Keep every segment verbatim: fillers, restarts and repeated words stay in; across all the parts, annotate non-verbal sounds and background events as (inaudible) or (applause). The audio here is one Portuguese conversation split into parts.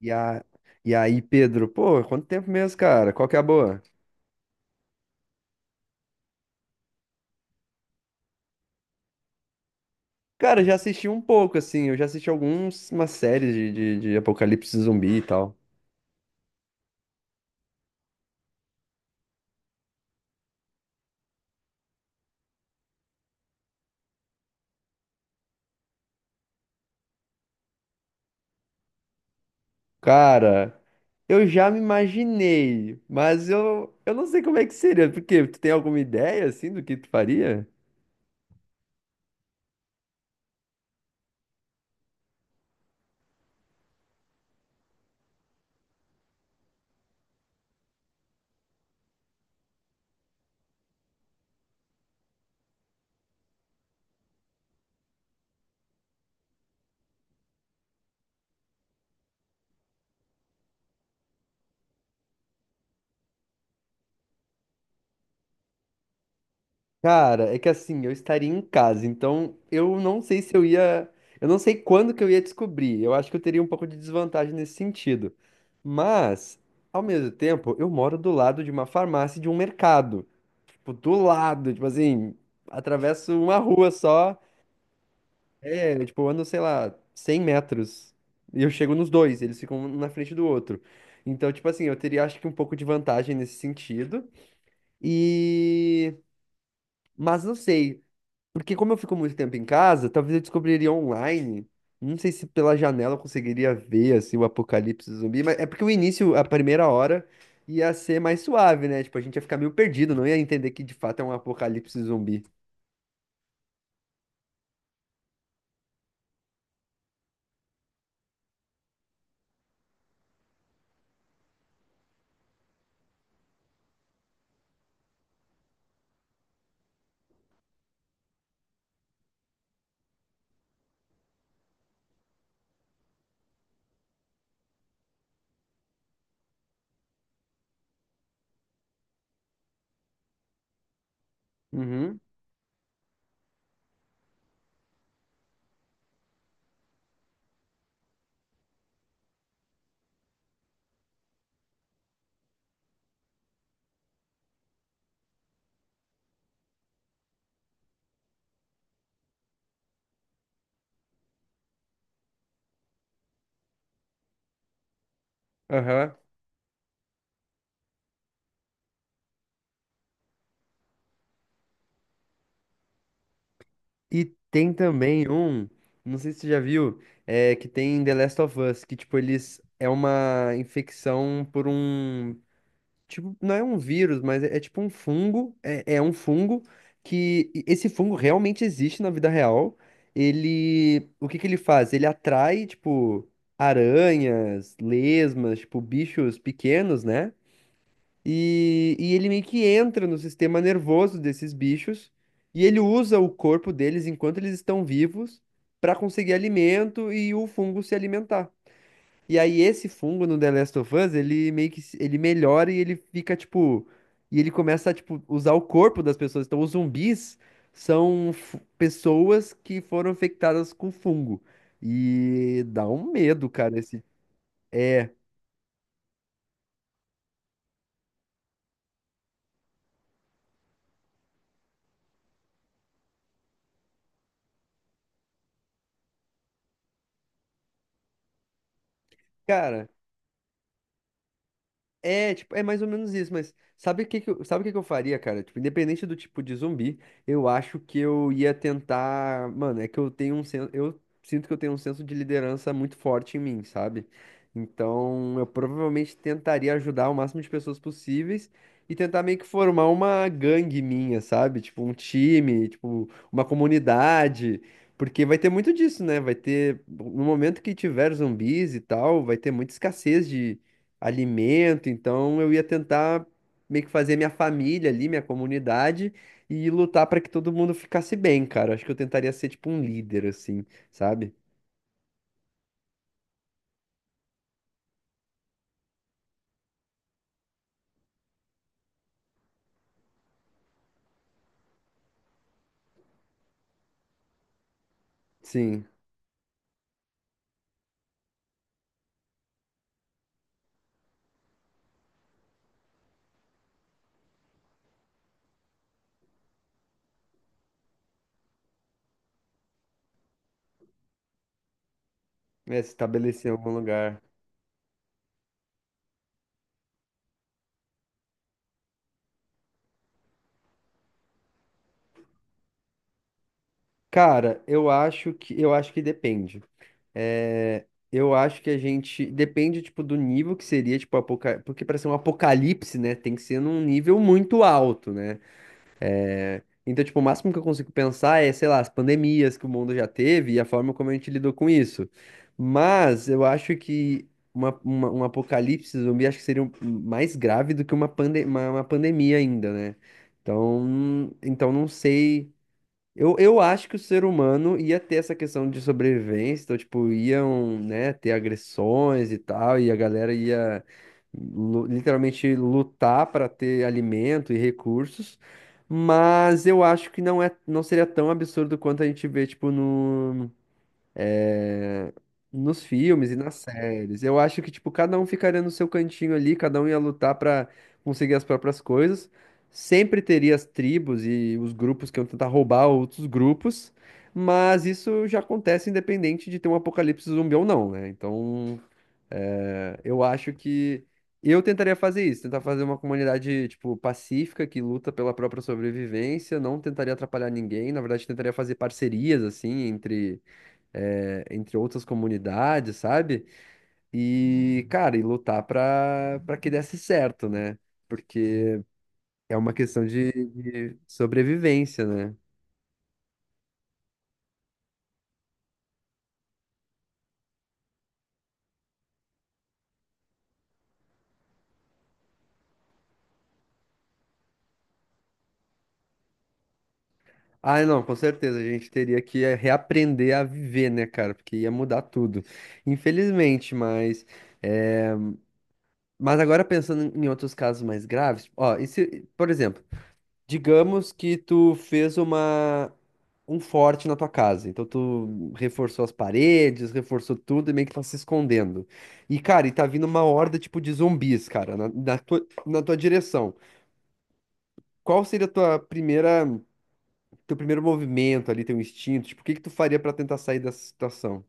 E, a... e aí, Pedro, pô, quanto tempo mesmo, cara? Qual que é a boa? Cara, eu já assisti um pouco, assim, eu já assisti algumas umas séries de, de, de apocalipse zumbi e tal. Cara, eu já me imaginei, mas eu, eu não sei como é que seria, porque tu tem alguma ideia, assim, do que tu faria? Cara, é que assim, eu estaria em casa, então eu não sei se eu ia. Eu não sei quando que eu ia descobrir. Eu acho que eu teria um pouco de desvantagem nesse sentido. Mas, ao mesmo tempo, eu moro do lado de uma farmácia e de um mercado. Tipo, do lado, tipo assim, atravesso uma rua só. É, tipo, eu ando, sei lá, cem metros. E eu chego nos dois, eles ficam um na frente do outro. Então, tipo assim, eu teria acho que um pouco de vantagem nesse sentido. E. Mas não sei. Porque como eu fico muito tempo em casa, talvez eu descobriria online. Não sei se pela janela eu conseguiria ver assim o apocalipse zumbi, mas é porque o início, a primeira hora, ia ser mais suave, né? Tipo, a gente ia ficar meio perdido, não ia entender que de fato é um apocalipse zumbi. Uhum. Aham. E tem também um, não sei se você já viu, é que tem em The Last of Us, que tipo, eles é uma infecção por um. Tipo, não é um vírus, mas é, é tipo um fungo. É, é um fungo que. e Esse fungo realmente existe na vida real. Ele. O que que ele faz? Ele atrai, tipo, aranhas, lesmas, tipo, bichos pequenos, né? E, e ele meio que entra no sistema nervoso desses bichos. E ele usa o corpo deles enquanto eles estão vivos para conseguir alimento e o fungo se alimentar. E aí esse fungo no The Last of Us, ele meio que se- ele melhora e ele fica tipo e ele começa a tipo usar o corpo das pessoas. Então os zumbis são fu- pessoas que foram infectadas com fungo. E dá um medo, cara, esse é, cara. É, tipo, é mais ou menos isso, mas sabe o que que eu, sabe o que que eu faria, cara? Tipo, independente do tipo de zumbi, eu acho que eu ia tentar, mano, é que eu tenho um senso, eu sinto que eu tenho um senso de liderança muito forte em mim, sabe? Então, eu provavelmente tentaria ajudar o máximo de pessoas possíveis e tentar meio que formar uma gangue minha, sabe? Tipo, um time, tipo, uma comunidade, porque vai ter muito disso, né? Vai ter, no momento que tiver zumbis e tal, vai ter muita escassez de alimento, então eu ia tentar meio que fazer minha família ali, minha comunidade e lutar para que todo mundo ficasse bem, cara. Acho que eu tentaria ser tipo um líder assim, sabe? Sim, é se estabelecer em algum lugar. Cara, eu acho que eu acho que depende. É, eu acho que a gente depende tipo do nível que seria, tipo apoca... porque para ser um apocalipse, né, tem que ser num nível muito alto, né? Então, tipo, o máximo que eu consigo pensar é, sei lá, as pandemias que o mundo já teve e a forma como a gente lidou com isso. Mas eu acho que uma, uma- um apocalipse zumbi acho que seria um- um, mais grave do que uma, pande uma, uma pandemia ainda, né? Então, então não sei. Eu, eu acho que o ser humano ia ter essa questão de sobrevivência, então, tipo, iam, né, ter agressões e tal, e a galera ia lu- literalmente lutar para ter alimento e recursos, mas eu acho que não é, não seria tão absurdo quanto a gente vê, tipo, no, nos filmes e nas séries. Eu acho que, tipo, cada um ficaria no seu cantinho ali, cada um ia lutar pra conseguir as próprias coisas. Sempre teria as tribos e os grupos que iam tentar roubar outros grupos, mas isso já acontece independente de ter um apocalipse zumbi ou não, né? Então, é, eu acho que eu tentaria fazer isso, tentar fazer uma comunidade, tipo, pacífica, que luta pela própria sobrevivência, não tentaria atrapalhar ninguém, na verdade, tentaria fazer parcerias, assim, entre eh, entre outras comunidades, sabe? E, cara, e lutar para para que desse certo, né? Porque é uma questão de, de sobrevivência, né? Ah, não, com certeza, a gente teria que eh, reaprender a viver, né, cara? Porque ia mudar tudo. Infelizmente, mas. eh, mas agora pensando em outros casos mais graves, ó, e se, por exemplo. Digamos que tu fez uma um forte na tua casa. Então tu reforçou as paredes, reforçou tudo e meio que tá se escondendo. E cara, e tá vindo uma horda tipo de zumbis, cara, na, na tua, na tua direção. Qual seria a tua primeira Teu primeiro movimento ali, teu instinto? Tipo, o que que tu faria pra tentar sair dessa situação?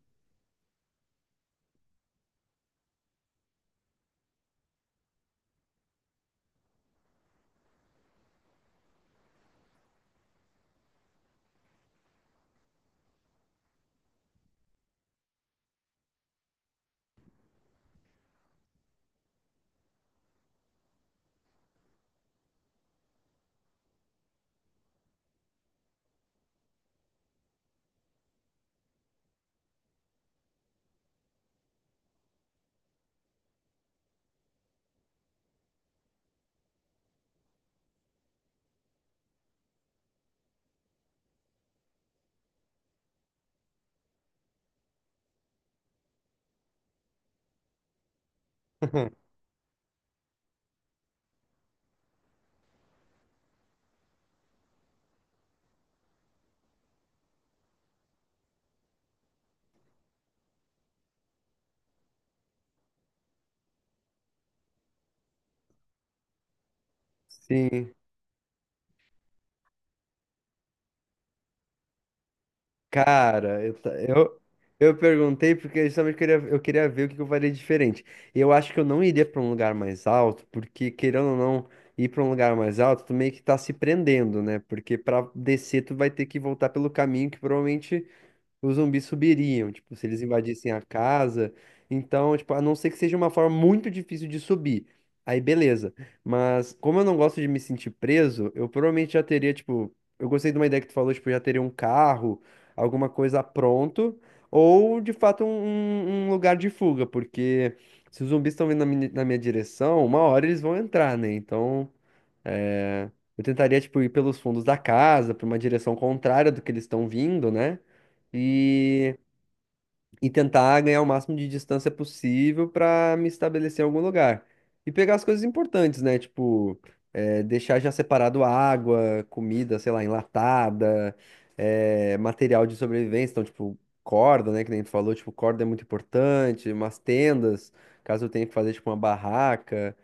(laughs) Sim. Cara, eu, ta- eu, eu perguntei porque justamente eu queria, eu queria ver o que que eu faria diferente. E eu acho que eu não iria para um lugar mais alto, porque querendo ou não ir para um lugar mais alto, tu meio que tá se prendendo, né? Porque para descer tu vai ter que voltar pelo caminho que provavelmente os zumbis subiriam, tipo, se eles invadissem a casa. Então, tipo, a não ser que seja uma forma muito difícil de subir. Aí, beleza. Mas, como eu não gosto de me sentir preso, eu provavelmente já teria, tipo, eu gostei de uma ideia que tu falou, tipo, já teria um carro, alguma coisa pronto, ou de fato um, um um lugar de fuga, porque se os zumbis estão vindo na minha, na minha direção, uma hora eles vão entrar, né? Então. É, eu tentaria, tipo, ir pelos fundos da casa, para uma direção contrária do que eles estão vindo, né? E, e tentar ganhar o máximo de distância possível para me estabelecer em algum lugar. E pegar as coisas importantes, né? Tipo, é, deixar já separado água, comida, sei lá, enlatada, é, material de sobrevivência. Então, tipo, corda, né? Que nem tu falou, tipo, corda é muito importante, umas tendas, caso eu tenha que fazer, tipo, uma barraca.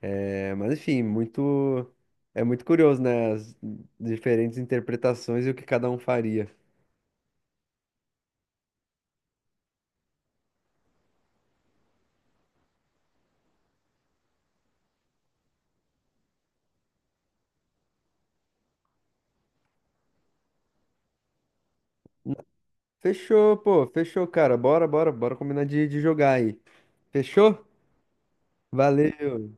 É, mas enfim, muito é muito curioso, né? As diferentes interpretações e o que cada um faria. Fechou, pô, fechou, cara. Bora, bora, bora combinar de, de jogar aí. Fechou? Valeu.